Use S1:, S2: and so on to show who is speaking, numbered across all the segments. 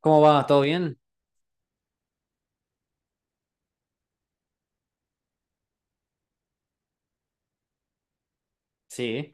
S1: ¿Cómo va? ¿Todo bien? Sí,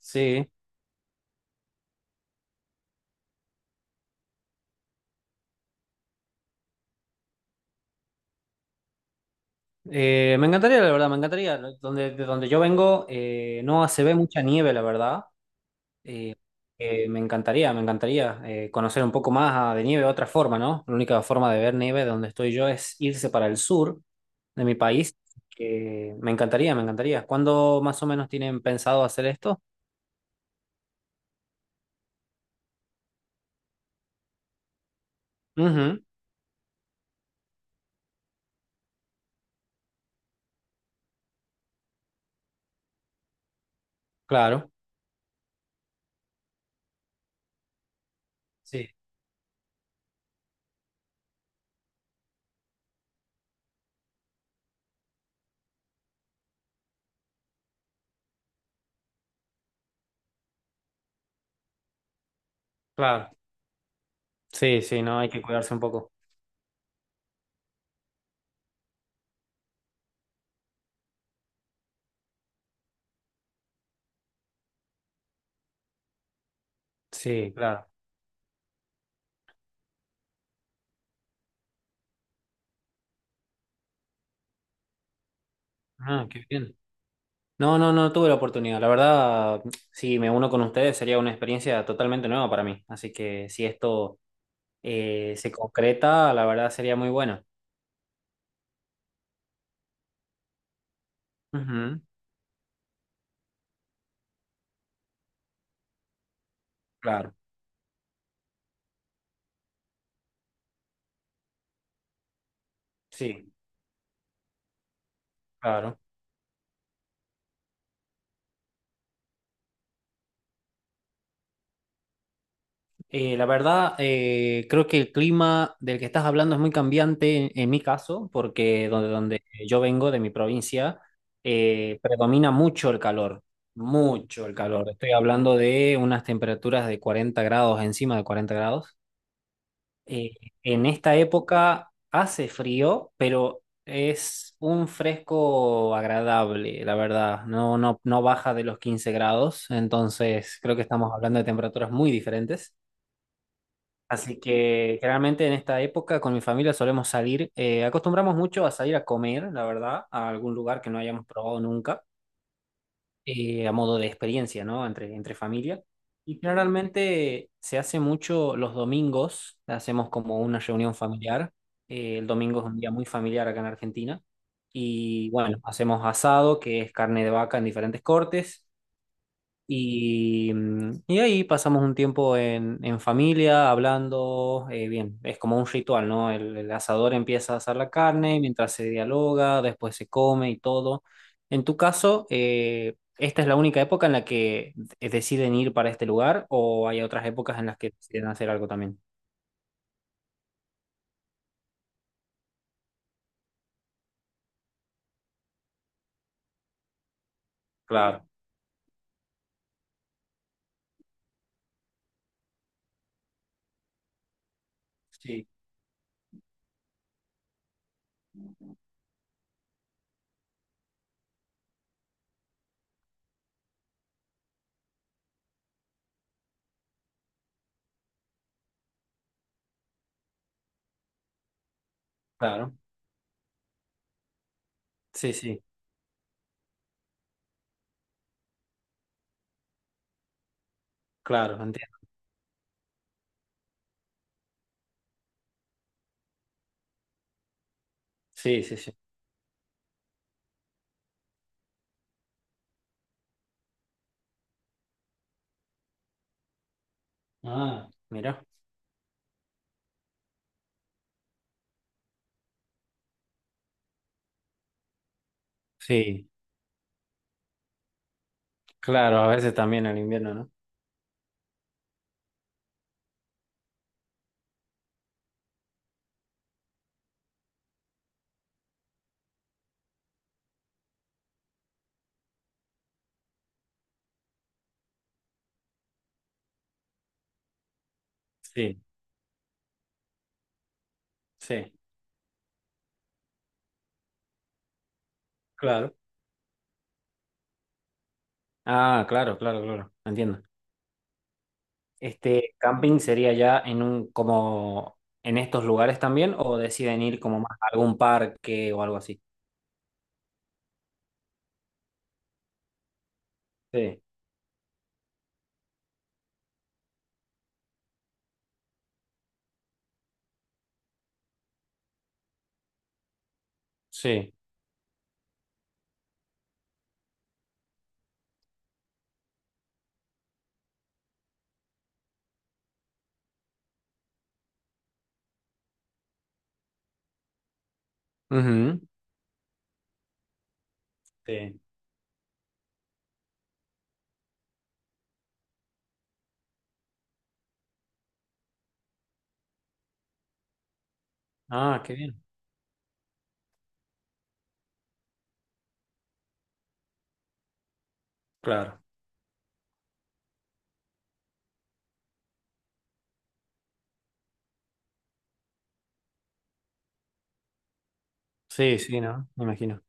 S1: sí. Me encantaría, la verdad, me encantaría. Donde, de donde yo vengo no se ve mucha nieve, la verdad. Eh, Me encantaría, me encantaría conocer un poco más de nieve de otra forma, ¿no? La única forma de ver nieve donde estoy yo es irse para el sur de mi país. Que me encantaría, me encantaría. ¿Cuándo más o menos tienen pensado hacer esto? Ujú, claro. Sí, claro. Sí, sí, no, hay que cuidarse un poco. Sí, claro. Ah, qué bien. No, no, no tuve la oportunidad. La verdad, si me uno con ustedes sería una experiencia totalmente nueva para mí. Así que si esto se concreta, la verdad sería muy bueno. Ujú, claro, sí, claro. La verdad, creo que el clima del que estás hablando es muy cambiante en mi caso, porque donde yo vengo, de mi provincia, predomina mucho el calor, mucho el calor. Estoy hablando de unas temperaturas de 40 grados, encima de 40 grados. Eh, en esta época hace frío, pero es un fresco agradable, la verdad. No, no, no baja de los 15 grados, entonces creo que estamos hablando de temperaturas muy diferentes. Así que generalmente en esta época con mi familia solemos salir, acostumbramos mucho a salir a comer, la verdad, a algún lugar que no hayamos probado nunca a modo de experiencia, ¿no? Entre familia. Y generalmente se hace mucho los domingos, hacemos como una reunión familiar. El domingo es un día muy familiar acá en Argentina. Y bueno, hacemos asado, que es carne de vaca en diferentes cortes. Y, y ahí pasamos un tiempo en familia, hablando, bien, es como un ritual, ¿no? El asador empieza a asar la carne, mientras se dialoga, después se come y todo. En tu caso, ¿esta es la única época en la que deciden ir para este lugar o hay otras épocas en las que deciden hacer algo también? Claro, sí, claro, sí, sí, claro, entiendo. Sí, sí, sí. Ah, mira. Sí, claro, a veces también en invierno, ¿no? Sí, sí, claro. Ah, claro, claro, claro, entiendo. ¿Este camping sería ya en un, como en estos lugares también o deciden ir como más a algún parque o algo así? Sí, sí. Ujú. Sí. Ah, qué bien. Claro. Sí, sí, ¿no? Me imagino.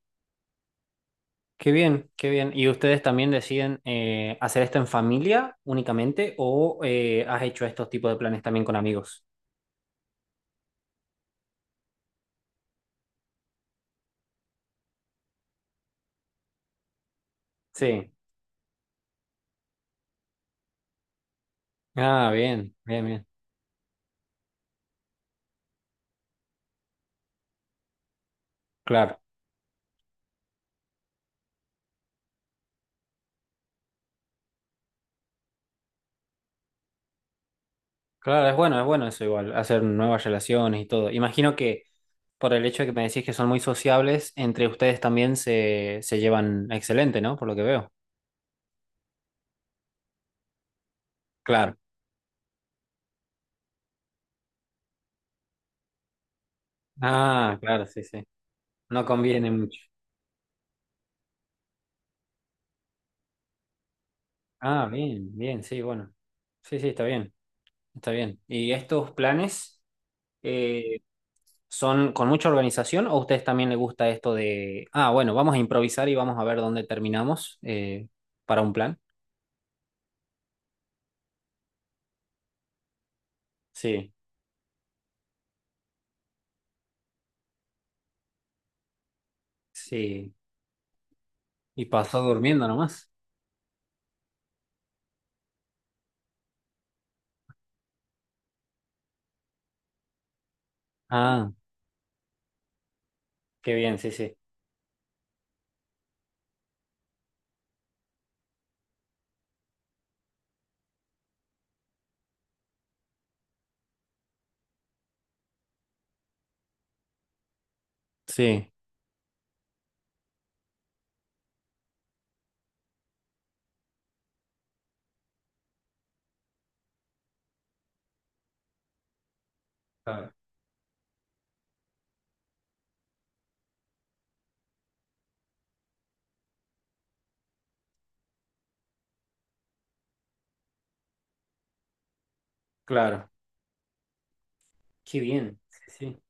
S1: Qué bien, qué bien. ¿Y ustedes también deciden hacer esto en familia únicamente o has hecho estos tipos de planes también con amigos? Sí. Ah, bien, bien, bien. Claro. Claro, es bueno eso igual, hacer nuevas relaciones y todo. Imagino que por el hecho de que me decís que son muy sociables, entre ustedes también se llevan excelente, ¿no? Por lo que veo. Claro. Ah, claro, sí, sí. No conviene mucho. Ah, bien, bien, sí, bueno. Sí, sí, está bien, está bien. ¿Y estos planes eh, son con mucha organización o a ustedes también les gusta esto de, ah, bueno, vamos a improvisar y vamos a ver dónde terminamos para un plan? Sí, sí. Y pasó durmiendo nomás. Ah, qué bien, sí, sí. Sí. Claro. Claro. Qué bien, sí, sí.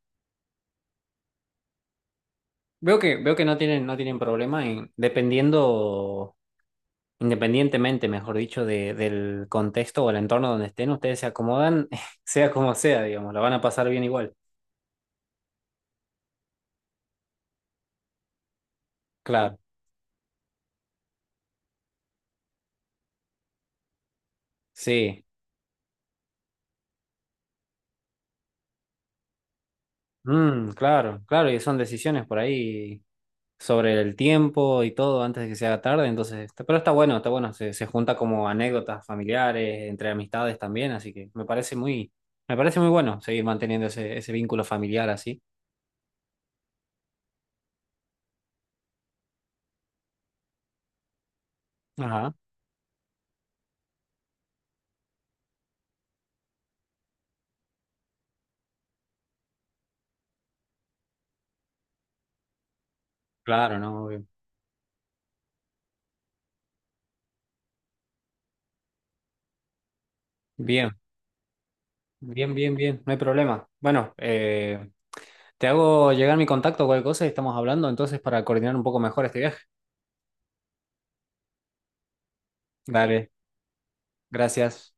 S1: Veo que no tienen, no tienen problema en, dependiendo, independientemente, mejor dicho, de, del contexto o el entorno donde estén, ustedes se acomodan, sea como sea, digamos, la van a pasar bien igual. Claro, sí. Mm, claro, claro, y son decisiones por ahí sobre el tiempo y todo antes de que se haga tarde, entonces, está- pero está bueno, se junta como anécdotas familiares, entre amistades también, así que me parece muy bueno seguir manteniendo ese, ese vínculo familiar así. Ajá, claro, no, obvio. Bien, bien, bien, bien, no hay problema. Bueno, te hago llegar mi contacto o cualquier cosa y estamos hablando entonces para coordinar un poco mejor este viaje. Dale, gracias.